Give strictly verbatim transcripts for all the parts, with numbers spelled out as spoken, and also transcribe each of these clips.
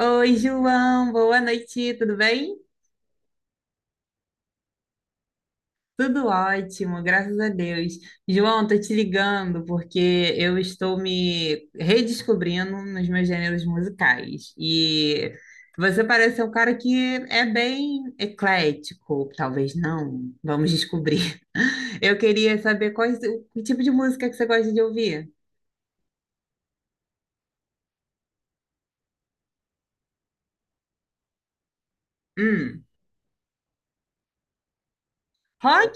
Oi, João, boa noite, tudo bem? Tudo ótimo, graças a Deus. João, tô te ligando porque eu estou me redescobrindo nos meus gêneros musicais. E você parece ser um cara que é bem eclético, talvez não, vamos descobrir. Eu queria saber quais, o tipo de música que você gosta de ouvir. Hum, rock?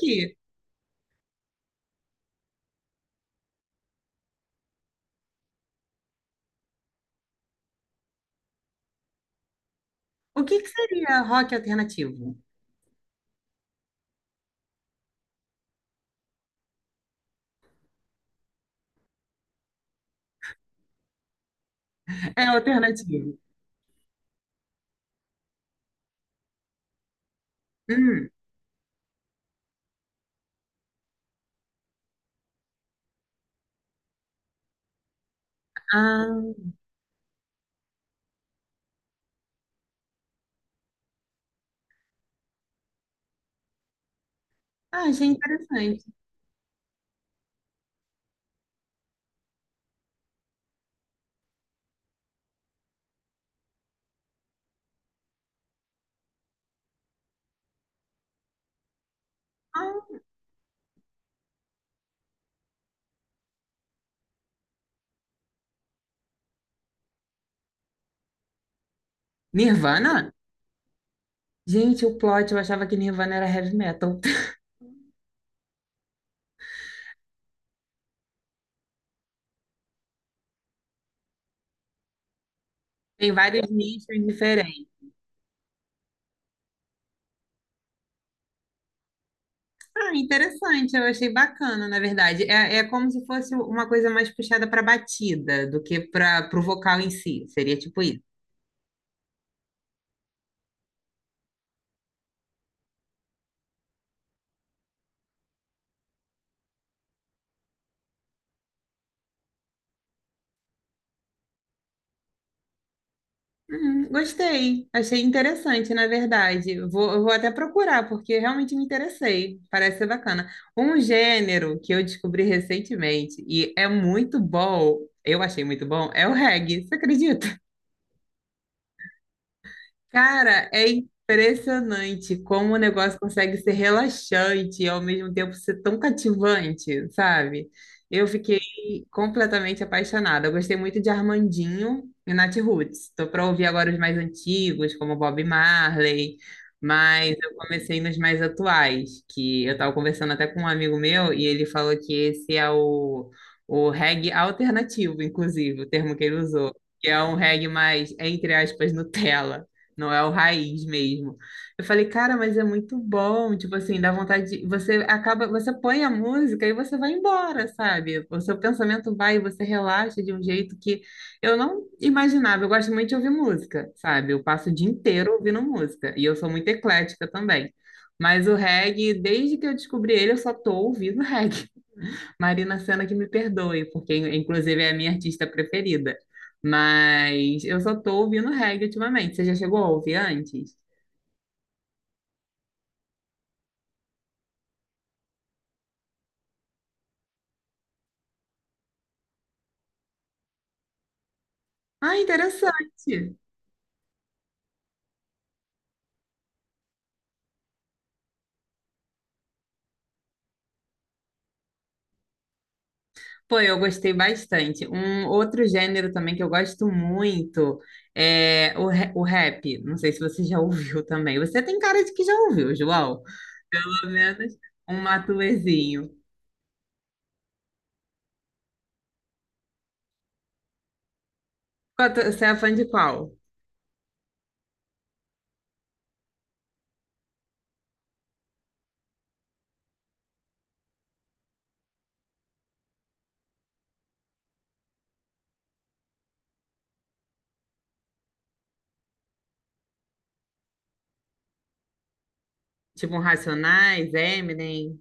O que que seria rock alternativo? É alternativo. Hum. Ah. Ah, achei interessante. Ah, Nirvana? Gente, o plot, eu achava que Nirvana era heavy metal. Tem vários nichos diferentes. Ah, interessante, eu achei bacana, na verdade. É, é como se fosse uma coisa mais puxada para batida do que para o vocal em si. Seria tipo isso. Hum, gostei, achei interessante, na verdade. Vou, eu vou até procurar, porque realmente me interessei. Parece ser bacana. Um gênero que eu descobri recentemente e é muito bom, eu achei muito bom, é o reggae. Você acredita? Cara, é impressionante como o negócio consegue ser relaxante e ao mesmo tempo ser tão cativante, sabe? Eu fiquei completamente apaixonada. Eu gostei muito de Armandinho e Nat Roots. Tô para ouvir agora os mais antigos, como Bob Marley, mas eu comecei nos mais atuais, que eu tava conversando até com um amigo meu e ele falou que esse é o, o reggae alternativo, inclusive, o termo que ele usou. Que é um reggae mais, entre aspas, Nutella. Não é o raiz mesmo. Eu falei, cara, mas é muito bom. Tipo assim, dá vontade de... Você acaba, você põe a música e você vai embora, sabe? O seu pensamento vai, você relaxa de um jeito que eu não imaginava. Eu gosto muito de ouvir música, sabe? Eu passo o dia inteiro ouvindo música. E eu sou muito eclética também. Mas o reggae, desde que eu descobri ele, eu só tô ouvindo reggae. Marina Sena que me perdoe, porque inclusive é a minha artista preferida. Mas eu só tô ouvindo reggae ultimamente. Você já chegou a ouvir antes? Ah, interessante. Pô, eu gostei bastante. Um outro gênero também que eu gosto muito é o, ra- o rap. Não sei se você já ouviu também. Você tem cara de que já ouviu, João. Pelo menos um matuezinho. Qual tu- Você é fã de qual? Tipo um Racionais, Eminem,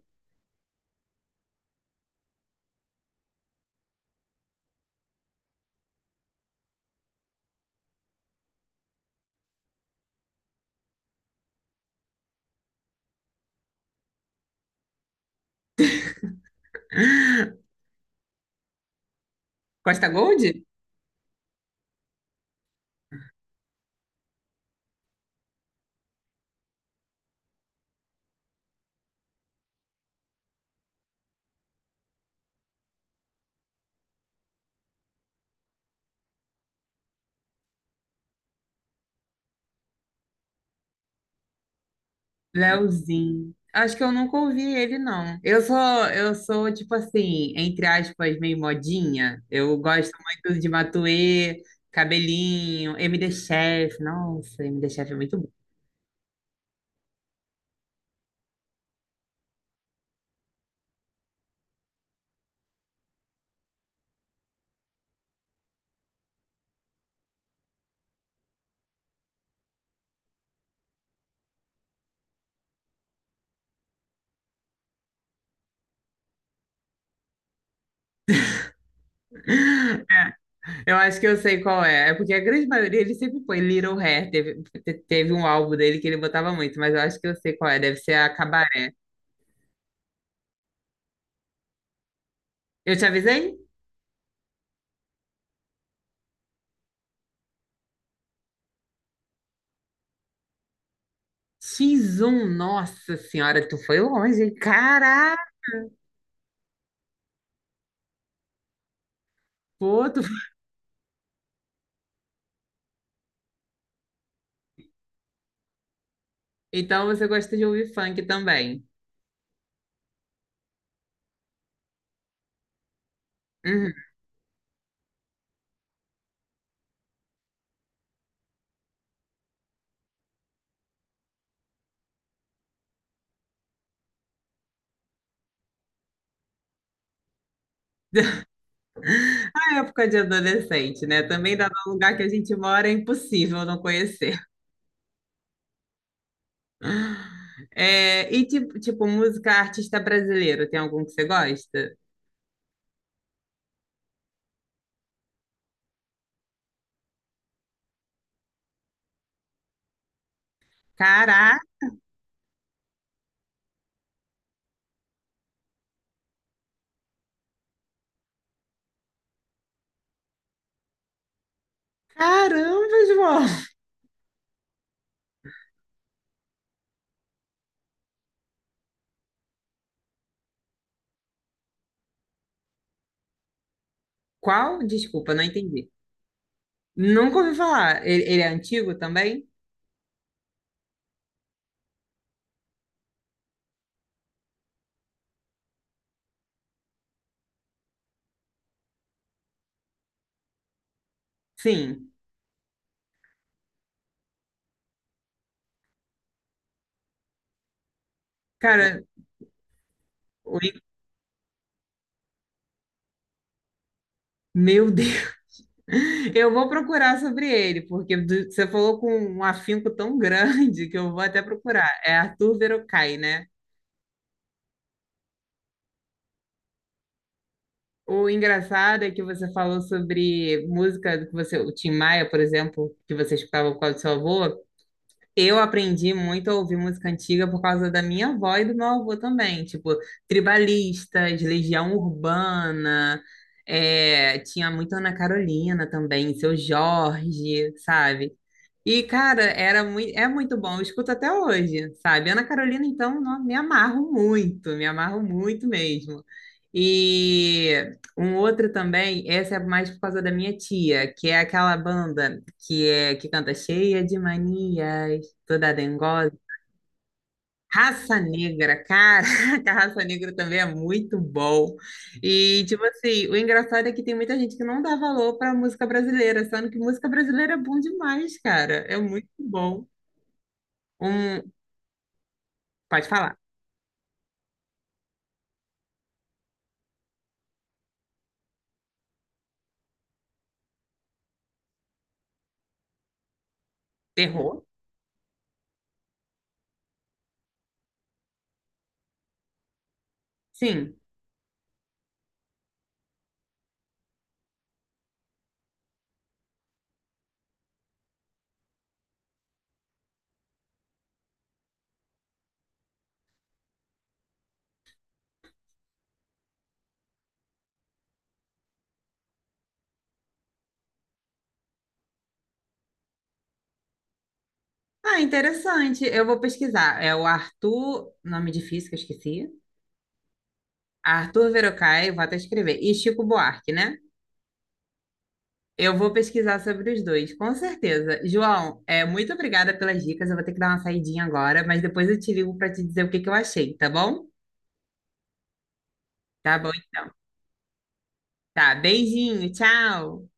Costa Gold? Leozinho. Acho que eu nunca ouvi ele, não. Eu sou, eu sou, tipo assim, entre aspas, meio modinha. Eu gosto muito de Matuê, Cabelinho, M D Chef. Nossa, M D Chef é muito bom. É, eu acho que eu sei qual é. É porque a grande maioria ele sempre põe Little Hair. Teve, te- teve um álbum dele que ele botava muito, mas eu acho que eu sei qual é. Deve ser a Cabaré. Eu te avisei? X um, nossa senhora, tu foi longe, hein? Caraca, pô, tu. Então você gosta de ouvir funk também. Uhum. A época de adolescente, né? Também dá no lugar que a gente mora, é impossível não conhecer. É, e tipo, tipo, música artista brasileiro, tem algum que você gosta? Caraca, caramba, João! Qual? Desculpa, não entendi. Nunca ouvi falar. Ele, ele é antigo também? Sim. Cara, oi, meu Deus! Eu vou procurar sobre ele, porque do- você falou com um afinco tão grande que eu vou até procurar. É Arthur Verocai, né? O engraçado é que você falou sobre música que você, o Tim Maia, por exemplo, que você escutava por causa do seu avô. Eu aprendi muito a ouvir música antiga por causa da minha avó e do meu avô também. Tipo, Tribalistas, Legião Urbana, é, tinha muito Ana Carolina também, Seu Jorge, sabe? E, cara, era muito, é muito bom, eu escuto até hoje, sabe? Ana Carolina, então, nó- me amarro muito, me amarro muito mesmo. E um outro também, essa é mais por causa da minha tia, que é aquela banda que é que canta cheia de manias toda dengosa. Raça Negra, cara, que a Raça Negra também é muito bom. E, tipo assim, o engraçado é que tem muita gente que não dá valor pra música brasileira, sendo que música brasileira é bom demais, cara. É muito bom. Um, pode falar. Terror? Sim. Ah, interessante. Eu vou pesquisar. É o Arthur, nome difícil que eu esqueci. Arthur Verocai, vou até escrever. E Chico Buarque, né? Eu vou pesquisar sobre os dois, com certeza. João, é, muito obrigada pelas dicas. Eu vou ter que dar uma saidinha agora, mas depois eu te ligo para te dizer o que que eu achei, tá bom? Tá bom. Tá. Beijinho, tchau.